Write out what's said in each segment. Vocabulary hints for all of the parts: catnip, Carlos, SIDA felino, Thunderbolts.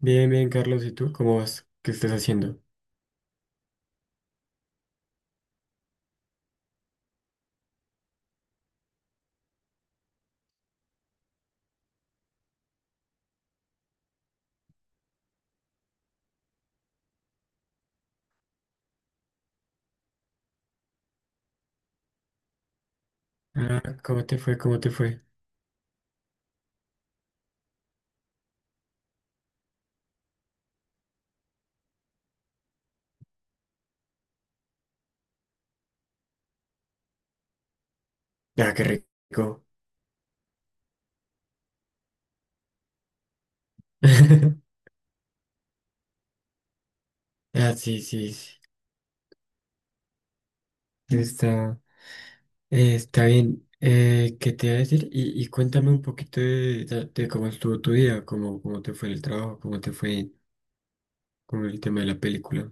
Bien, bien, Carlos, ¿y tú cómo vas? ¿Qué estás haciendo? Ah, ¿cómo te fue? ¿Cómo te fue? Ah, qué rico. Ah, sí, sí, sí. Está, está bien. ¿Qué te iba a decir? Y cuéntame un poquito de cómo estuvo tu día, cómo, cómo te fue el trabajo, cómo te fue con el tema de la película.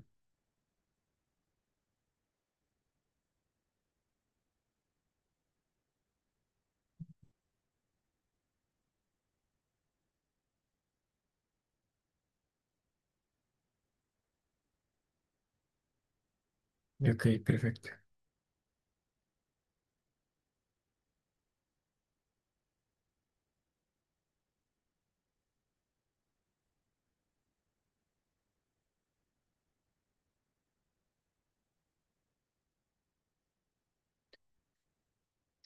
Ok, perfecto.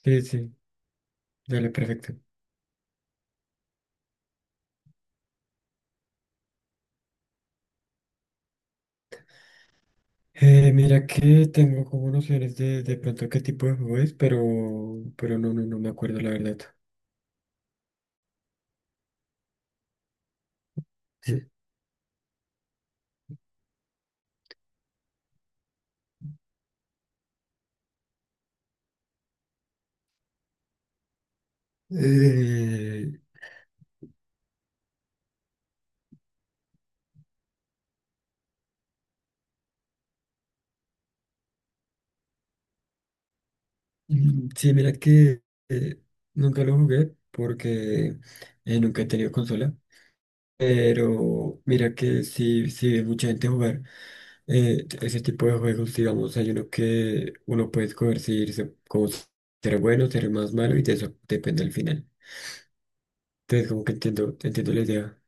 Sí, sí, dale, perfecto. Mira que tengo como nociones de pronto qué tipo de juego es, pero no, no, no me acuerdo la verdad. Sí. Eh, Sí, mira que eh, nunca lo jugué porque nunca he tenido consola, pero mira que sí, sí vi mucha gente jugar, ese tipo de juegos, digamos, hay uno que uno puede escoger si irse como ser bueno, ser más malo y de eso depende el final. Entonces como que entiendo, entiendo la idea.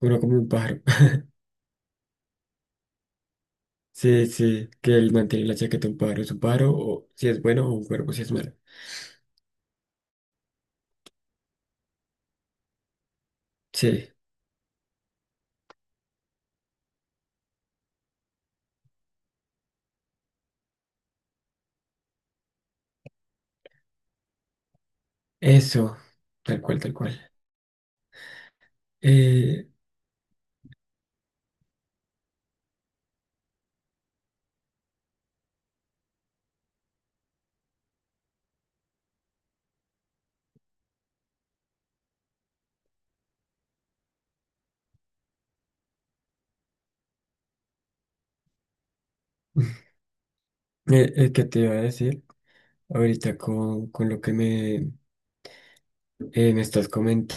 Uno como un pájaro. Sí, sí, que él mantiene la chaqueta un pájaro, es un pájaro, o si es bueno o un cuervo si es malo. Sí, eso, tal cual, tal cual. Eh, ¿Qué te iba a decir? Ahorita con lo que me, me estás comentando,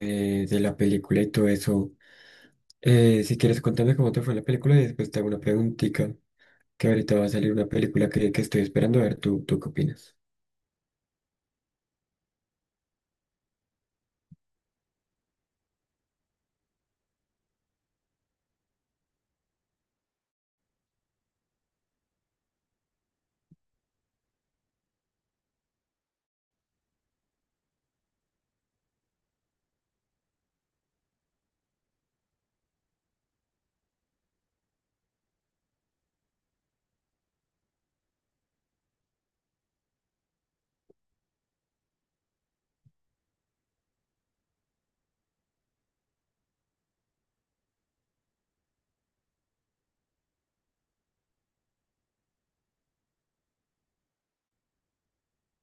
de la película y todo eso, si quieres contarme cómo te fue la película y después te hago una preguntita, que ahorita va a salir una película que estoy esperando, a ver, ¿tú, tú qué opinas?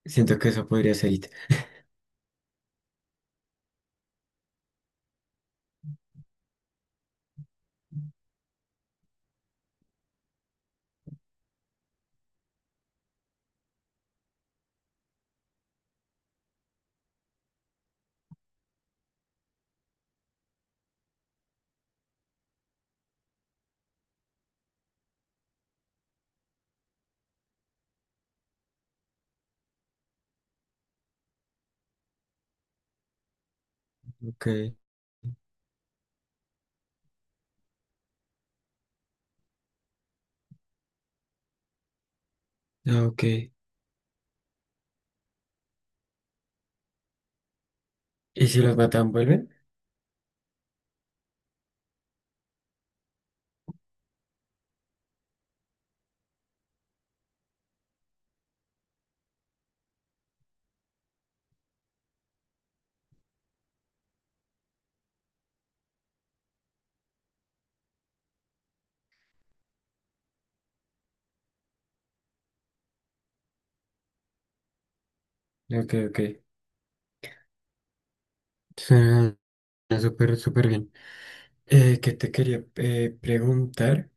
Siento que eso podría ser IT. Ok, ah, ok. ¿Y si los matan, vuelven? Ok, ok. Suena, suena súper, súper bien. ¿Qué te quería preguntar?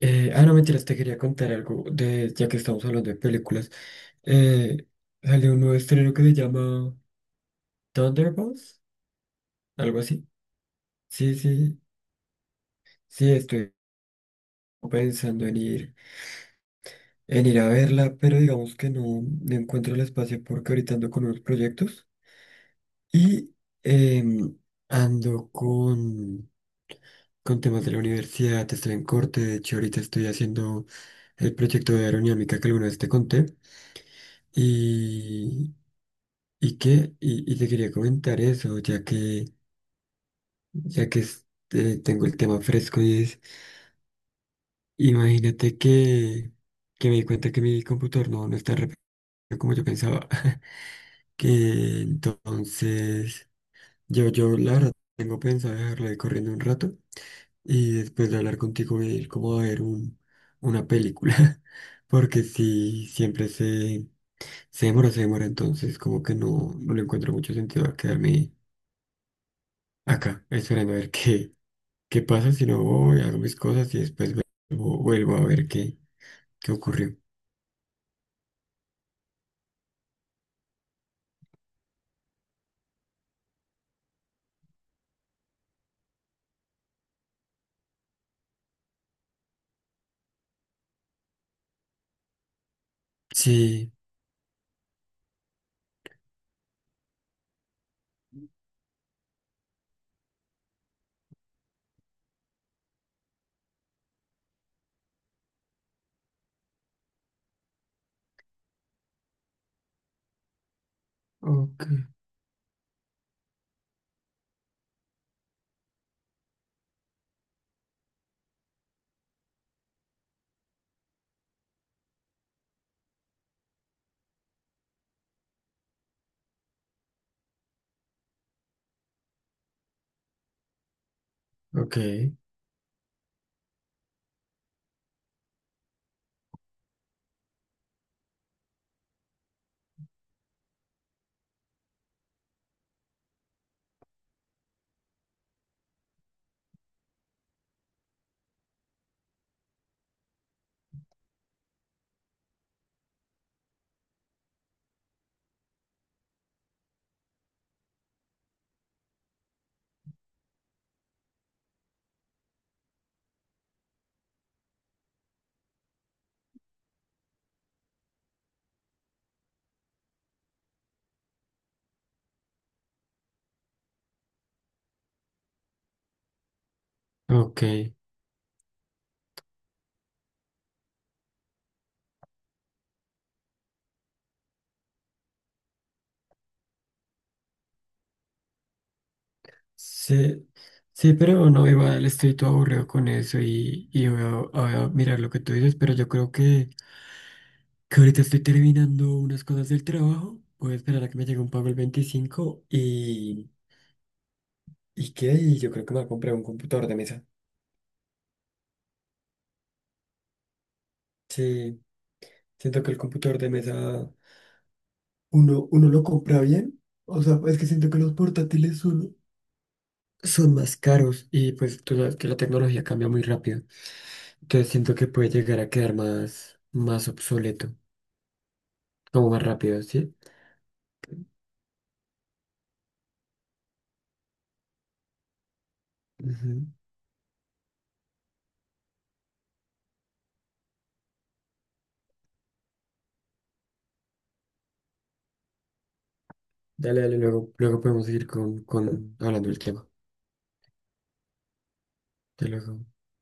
Ah, no, mentiras, te quería contar algo de, ya que estamos hablando de películas. Eh, Salió un nuevo estreno que se llama Thunderbolts, algo así. Sí, sí, sí, estoy pensando en ir a verla, pero digamos que no, no encuentro el espacio porque ahorita ando con unos proyectos y em, ando con temas de la universidad, estoy en corte, de hecho ahorita estoy haciendo el proyecto de aerodinámica que alguna vez te conté y, y qué, y te quería comentar eso, ya que es- tengo el tema fresco y es, imagínate que me di cuenta que mi computador no, no está rápido como yo pensaba, que entonces yo la verdad tengo pensado dejarlo ahí corriendo un rato y después de hablar contigo voy a ir como a ver un, una película, porque si siempre se, se demora, entonces como que no, no le encuentro mucho sentido a quedarme acá esperando a ver qué. ¿Qué pasa si no voy, hago mis cosas y después vuelvo, vuelvo a ver qué, qué ocurrió? Sí, ok, ok, ok. Sí, sí, pero no, igual estoy todo aburrido con eso y voy a, voy a mirar lo que tú dices, pero yo creo que ahorita estoy terminando unas cosas del trabajo. Voy a esperar a que me llegue un pago el 25 ¿y qué? Y yo creo que me voy a comprar un computador de mesa. Sí, siento que el computador de mesa uno, uno lo compra bien. O sea, es que siento que los portátiles son, son más caros y pues tú sabes que la tecnología cambia muy rápido. Entonces siento que puede llegar a quedar más, más obsoleto, como más rápido, ¿sí? Ujú. Dale, dale, luego, luego podemos seguir con hablando del tema. Hasta luego.